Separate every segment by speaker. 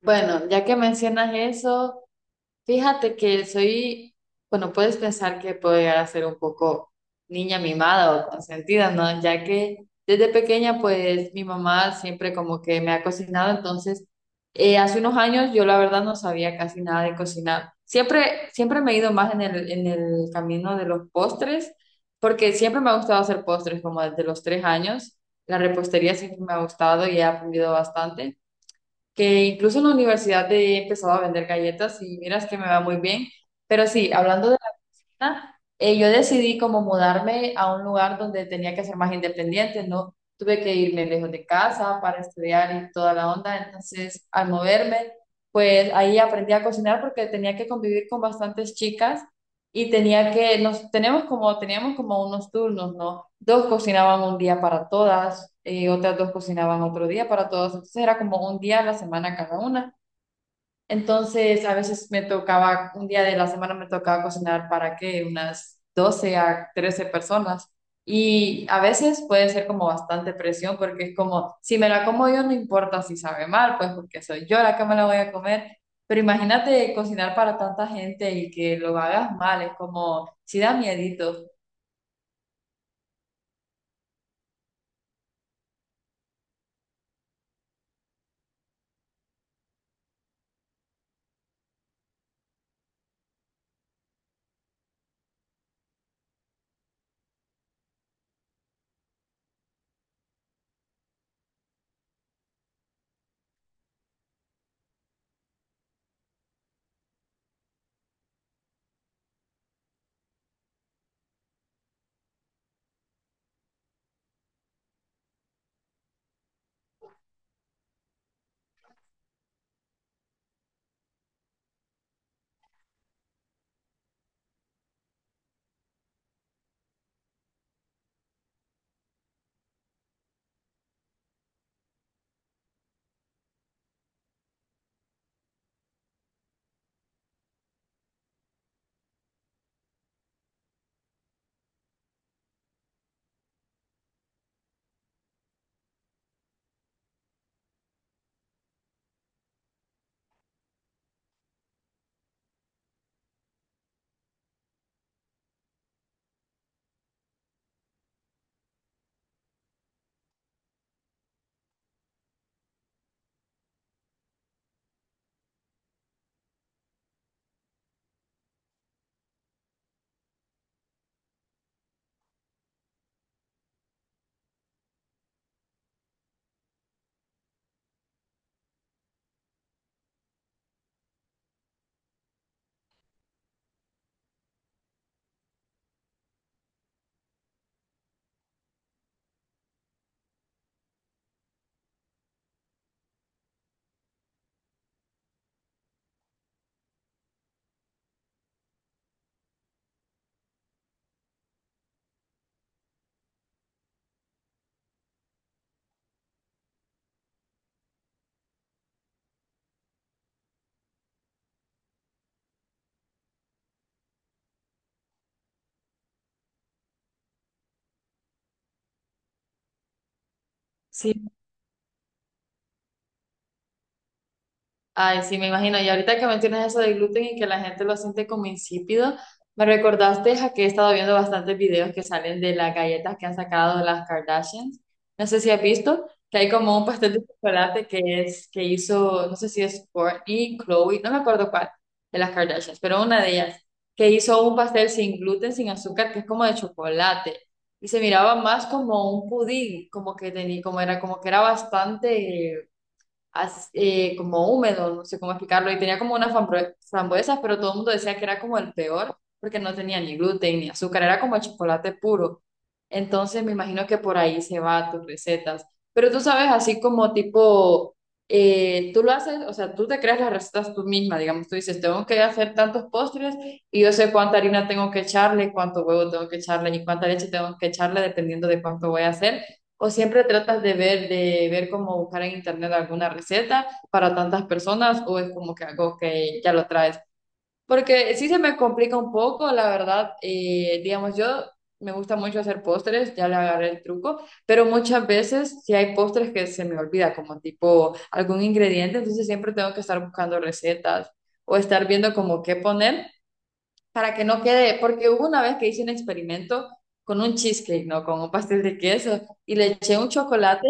Speaker 1: Bueno, ya que mencionas eso, fíjate que soy, bueno, puedes pensar que puedo llegar a ser un poco niña mimada o consentida, ¿no? Ya que desde pequeña, pues mi mamá siempre como que me ha cocinado, entonces hace unos años yo la verdad no sabía casi nada de cocinar. Siempre, siempre me he ido más en el camino de los postres, porque siempre me ha gustado hacer postres, como desde los 3 años. La repostería siempre me ha gustado y he aprendido bastante que incluso en la universidad he empezado a vender galletas y miras que me va muy bien. Pero sí, hablando de. Yo decidí como mudarme a un lugar donde tenía que ser más independiente, ¿no? Tuve que irme lejos de casa para estudiar y toda la onda, entonces al moverme, pues ahí aprendí a cocinar porque tenía que convivir con bastantes chicas y tenía que, nos tenemos como, teníamos como unos turnos, ¿no? Dos cocinaban un día para todas, otras dos cocinaban otro día para todas, entonces era como un día a la semana cada una. Entonces, a veces me tocaba, un día de la semana me tocaba cocinar para qué unas 12 a 13 personas. Y a veces puede ser como bastante presión porque es como, si me la como yo no importa si sabe mal, pues porque soy yo la que me la voy a comer. Pero imagínate cocinar para tanta gente y que lo hagas mal, es como, si da miedito. Ay, sí, me imagino. Y ahorita que mencionas eso del gluten y que la gente lo siente como insípido, me recordaste a que he estado viendo bastantes videos que salen de las galletas que han sacado las Kardashians. No sé si has visto que hay como un pastel de chocolate que es que hizo, no sé si es Kourtney Chloe, no me acuerdo cuál de las Kardashians, pero una de ellas que hizo un pastel sin gluten, sin azúcar, que es como de chocolate y se miraba más como un pudín, como que tenía, como era, como que era bastante como húmedo, no sé cómo explicarlo, y tenía como unas frambuesas, pero todo el mundo decía que era como el peor, porque no tenía ni gluten ni azúcar, era como chocolate puro. Entonces me imagino que por ahí se va tus recetas. Pero tú sabes, así como tipo, tú lo haces, o sea, tú te creas las recetas tú misma, digamos, tú dices, tengo que hacer tantos postres y yo sé cuánta harina tengo que echarle, cuánto huevo tengo que echarle y cuánta leche tengo que echarle, dependiendo de cuánto voy a hacer. O siempre tratas de ver cómo buscar en internet alguna receta para tantas personas, o es como que algo que ya lo traes. Porque sí se me complica un poco, la verdad. Digamos, yo me gusta mucho hacer postres, ya le agarré el truco, pero muchas veces sí hay postres que se me olvida, como tipo algún ingrediente, entonces siempre tengo que estar buscando recetas o estar viendo como qué poner para que no quede, porque hubo una vez que hice un experimento con un cheesecake, ¿no? Con un pastel de queso y le eché un chocolate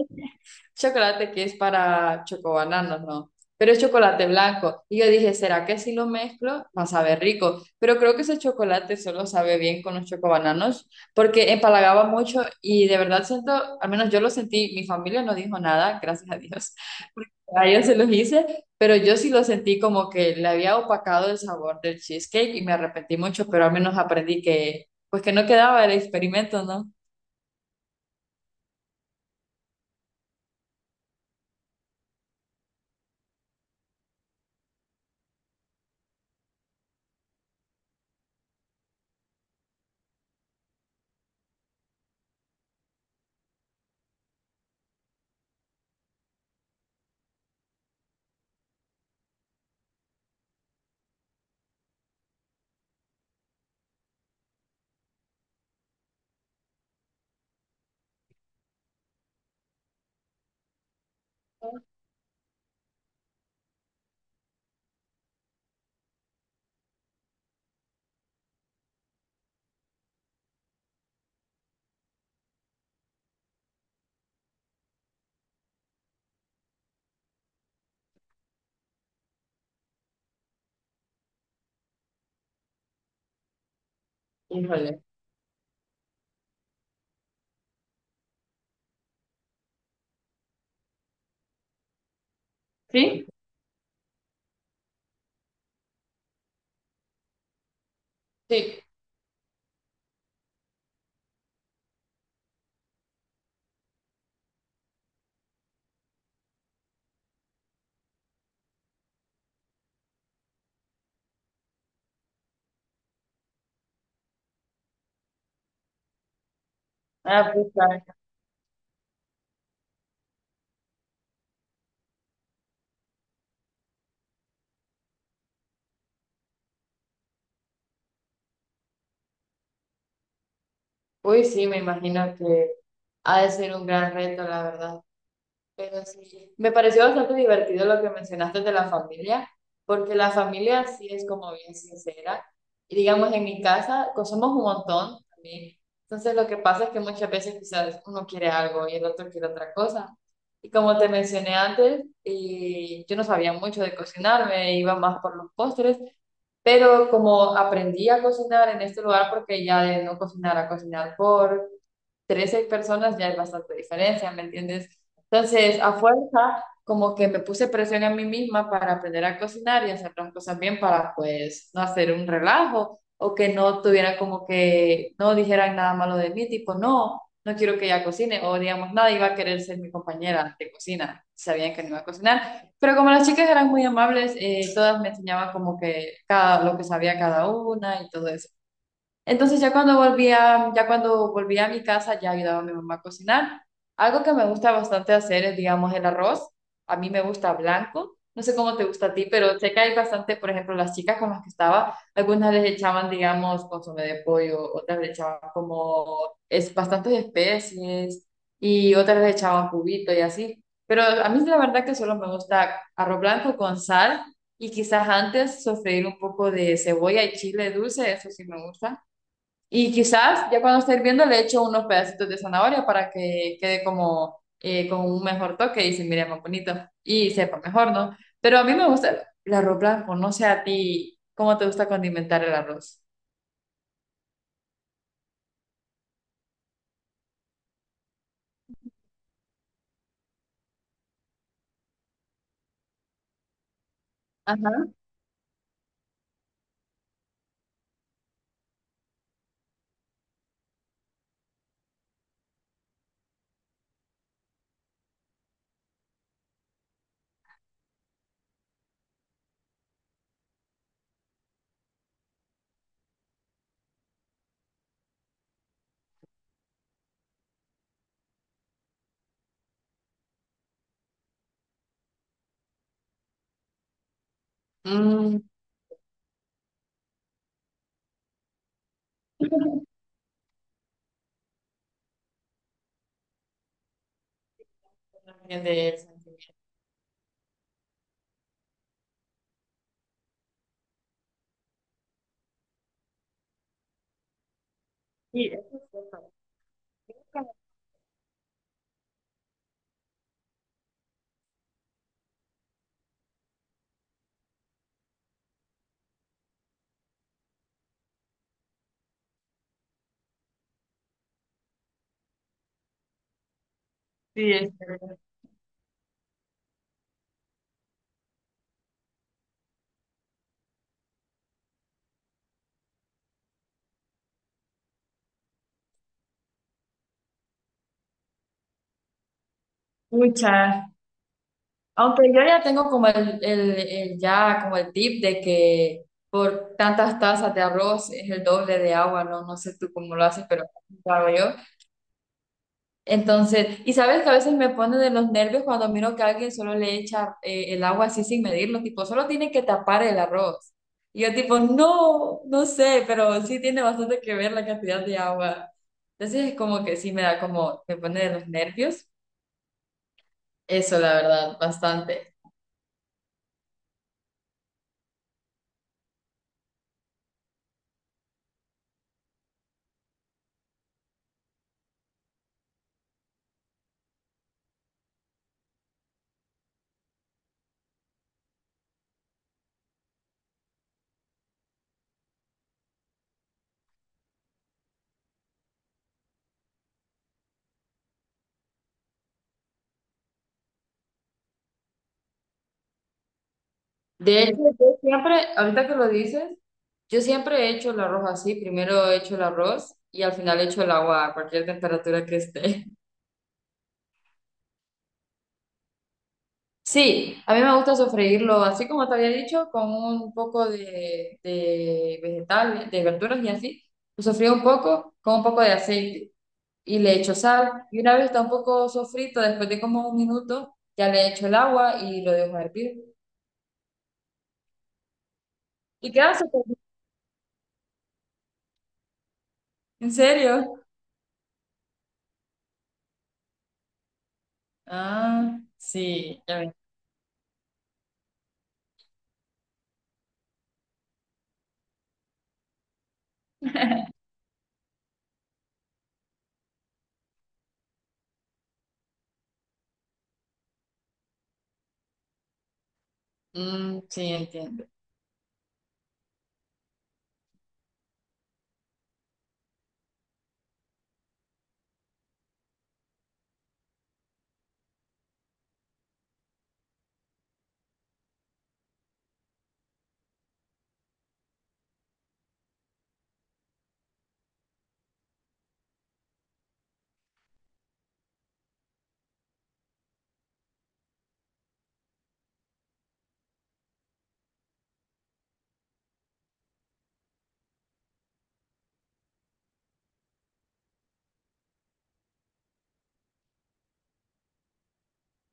Speaker 1: chocolate que es para chocobananos, ¿no? Pero es chocolate blanco. Y yo dije, ¿será que si lo mezclo va a saber rico? Pero creo que ese chocolate solo sabe bien con los chocobananos porque empalagaba mucho y de verdad siento, al menos yo lo sentí, mi familia no dijo nada, gracias a Dios, porque a ellos se los hice, pero yo sí lo sentí como que le había opacado el sabor del cheesecake y me arrepentí mucho, pero al menos aprendí que, pues que no quedaba el experimento, ¿no? Híjole. ¿Sí? Sí. Ah, pues, claro. Uy, sí, me imagino que ha de ser un gran reto, la verdad. Pero sí, me pareció bastante divertido lo que mencionaste de la familia, porque la familia sí es como bien sincera. Y digamos, en mi casa, somos un montón también. Entonces, lo que pasa es que muchas veces quizás uno quiere algo y el otro quiere otra cosa. Y como te mencioné antes, yo no sabía mucho de cocinar, me iba más por los postres, pero como aprendí a cocinar en este lugar, porque ya de no cocinar a cocinar por 13 personas ya es bastante diferencia, ¿me entiendes? Entonces, a fuerza, como que me puse presión a mí misma para aprender a cocinar y hacer las cosas bien para, pues, no hacer un relajo o que no tuvieran como que, no dijeran nada malo de mí, tipo, no, no quiero que ella cocine o digamos, nadie iba a querer ser mi compañera de cocina, sabían que no iba a cocinar, pero como las chicas eran muy amables, todas me enseñaban como que cada, lo que sabía cada una y todo eso. Entonces ya cuando volvía a mi casa, ya ayudaba a mi mamá a cocinar. Algo que me gusta bastante hacer es, digamos, el arroz. A mí me gusta blanco. No sé cómo te gusta a ti, pero sé que hay bastante, por ejemplo, las chicas con las que estaba, algunas les echaban, digamos, consomé de pollo, otras le echaban como es, bastantes especies y otras le echaban cubito y así. Pero a mí la verdad que solo me gusta arroz blanco con sal y quizás antes sofreír un poco de cebolla y chile dulce, eso sí me gusta. Y quizás ya cuando esté hirviendo le echo unos pedacitos de zanahoria para que quede como con un mejor toque y se mire más bonito y sepa mejor, ¿no? Pero a mí me gusta el arroz blanco, no sé a ti cómo te gusta condimentar el arroz. Ajá. Mm. También de sentimiento. Sí, eso es cierto. Sí, este, muchas. Aunque yo ya tengo como ya como el tip de que por tantas tazas de arroz es el doble de agua, no, no sé tú cómo lo haces, pero lo hago yo. Entonces, y sabes que a veces me pone de los nervios cuando miro que alguien solo le echa el agua así sin medirlo, tipo, solo tiene que tapar el arroz. Y yo tipo, no, no sé, pero sí tiene bastante que ver la cantidad de agua. Entonces es como que sí me da como, me pone de los nervios. Eso, la verdad, bastante. De hecho, yo siempre, ahorita que lo dices, yo siempre he hecho el arroz así. Primero he hecho el arroz y al final he hecho el agua a cualquier temperatura que esté. Sí, a mí me gusta sofreírlo, así como te había dicho, con un poco de vegetales, de verduras y así. Lo sofrío un poco con un poco de aceite y le echo sal. Y una vez está un poco sofrito, después de como un minuto, ya le echo el agua y lo dejo hervir. ¿Y qué hace? ¿En serio? Ah, sí, ya. Mm, sí, entiendo.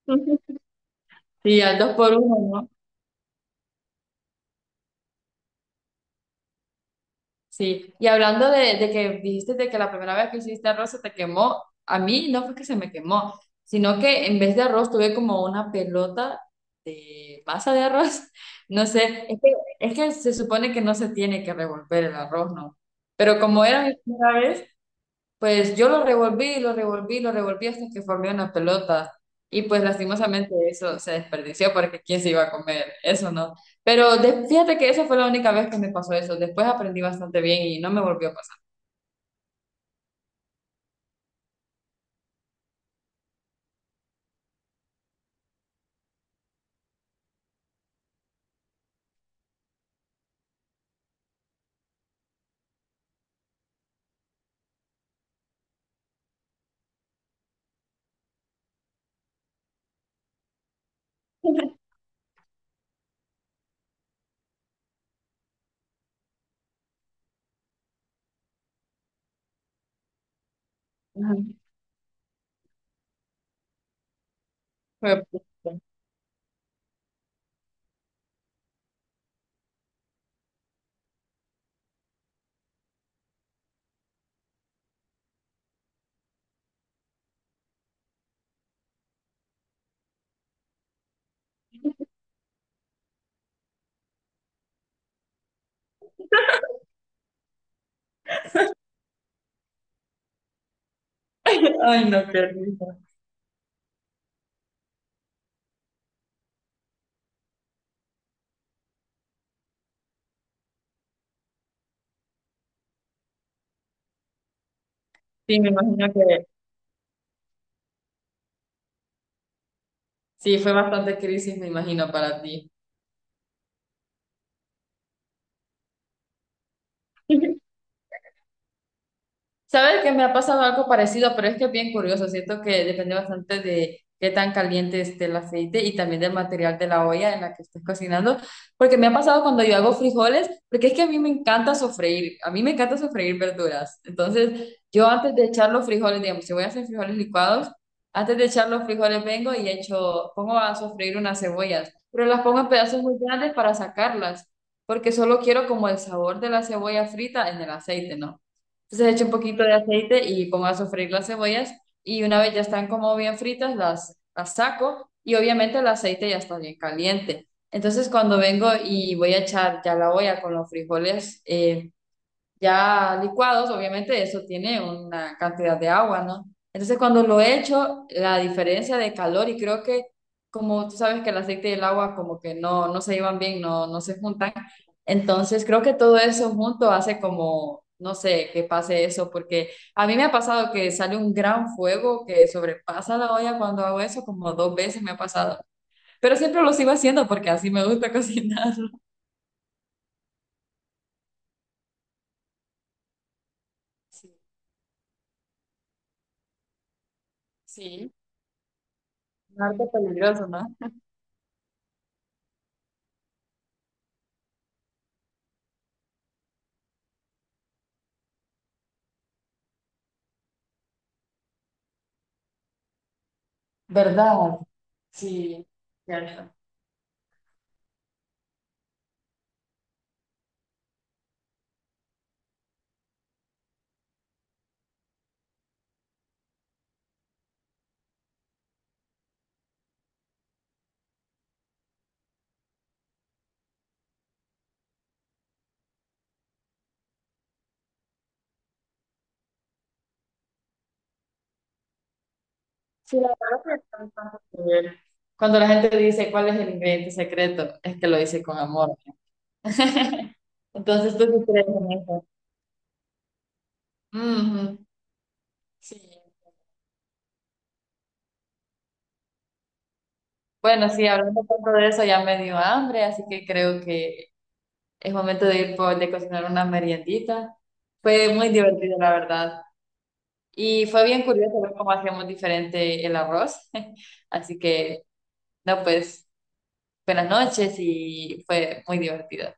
Speaker 1: Ujú. Sí, al dos por uno, ¿no? Sí. Y hablando de que dijiste de que la primera vez que hiciste arroz se te quemó, a mí no fue que se me quemó, sino que en vez de arroz tuve como una pelota de masa de arroz. No sé, es que se supone que no se tiene que revolver el arroz, ¿no? Pero como era mi primera vez, pues yo lo revolví, lo revolví, lo revolví hasta que formé una pelota. Y pues lastimosamente eso se desperdició porque quién se iba a comer, eso no. Pero fíjate que eso fue la única vez que me pasó eso. Después aprendí bastante bien y no me volvió a pasar. Ajá. Fue- Ay, no, qué risa. Sí, me imagino que sí, fue bastante crisis, me imagino, para ti. Sabes que me ha pasado algo parecido, pero es que es bien curioso. Siento que depende bastante de qué tan caliente esté el aceite y también del material de la olla en la que estés cocinando. Porque me ha pasado cuando yo hago frijoles, porque es que a mí me encanta sofreír. A mí me encanta sofreír verduras. Entonces, yo antes de echar los frijoles, digamos, si voy a hacer frijoles licuados, antes de echar los frijoles vengo y echo, pongo a sofreír unas cebollas, pero las pongo en pedazos muy grandes para sacarlas, porque solo quiero como el sabor de la cebolla frita en el aceite, ¿no? Entonces echo un poquito de aceite y pongo a sofreír las cebollas y una vez ya están como bien fritas, las saco y obviamente el aceite ya está bien caliente. Entonces cuando vengo y voy a echar ya la olla con los frijoles, ya licuados, obviamente eso tiene una cantidad de agua, ¿no? Entonces cuando lo he hecho, la diferencia de calor y creo que como tú sabes que el aceite y el agua como que no, no se llevan bien, no, no se juntan, entonces creo que todo eso junto hace como, no sé, que pase eso, porque a mí me ha pasado que sale un gran fuego que sobrepasa la olla cuando hago eso, como dos veces me ha pasado, pero siempre lo sigo haciendo porque así me gusta cocinarlo. Sí, sí. Un arte peligroso, ¿no? ¿Verdad? Sí, cierto. Sí, la verdad que tiene tanto que ver. Cuando la gente dice cuál es el ingrediente secreto, es que lo dice con amor. Entonces tú sí crees en eso. Ujú. Sí. Bueno, sí, hablando tanto de eso ya me dio hambre, así que creo que es momento de ir por, de cocinar una meriendita. Fue muy divertido, la verdad. Y fue bien curioso ver cómo hacíamos diferente el arroz. Así que, no, pues, buenas noches y fue muy divertido.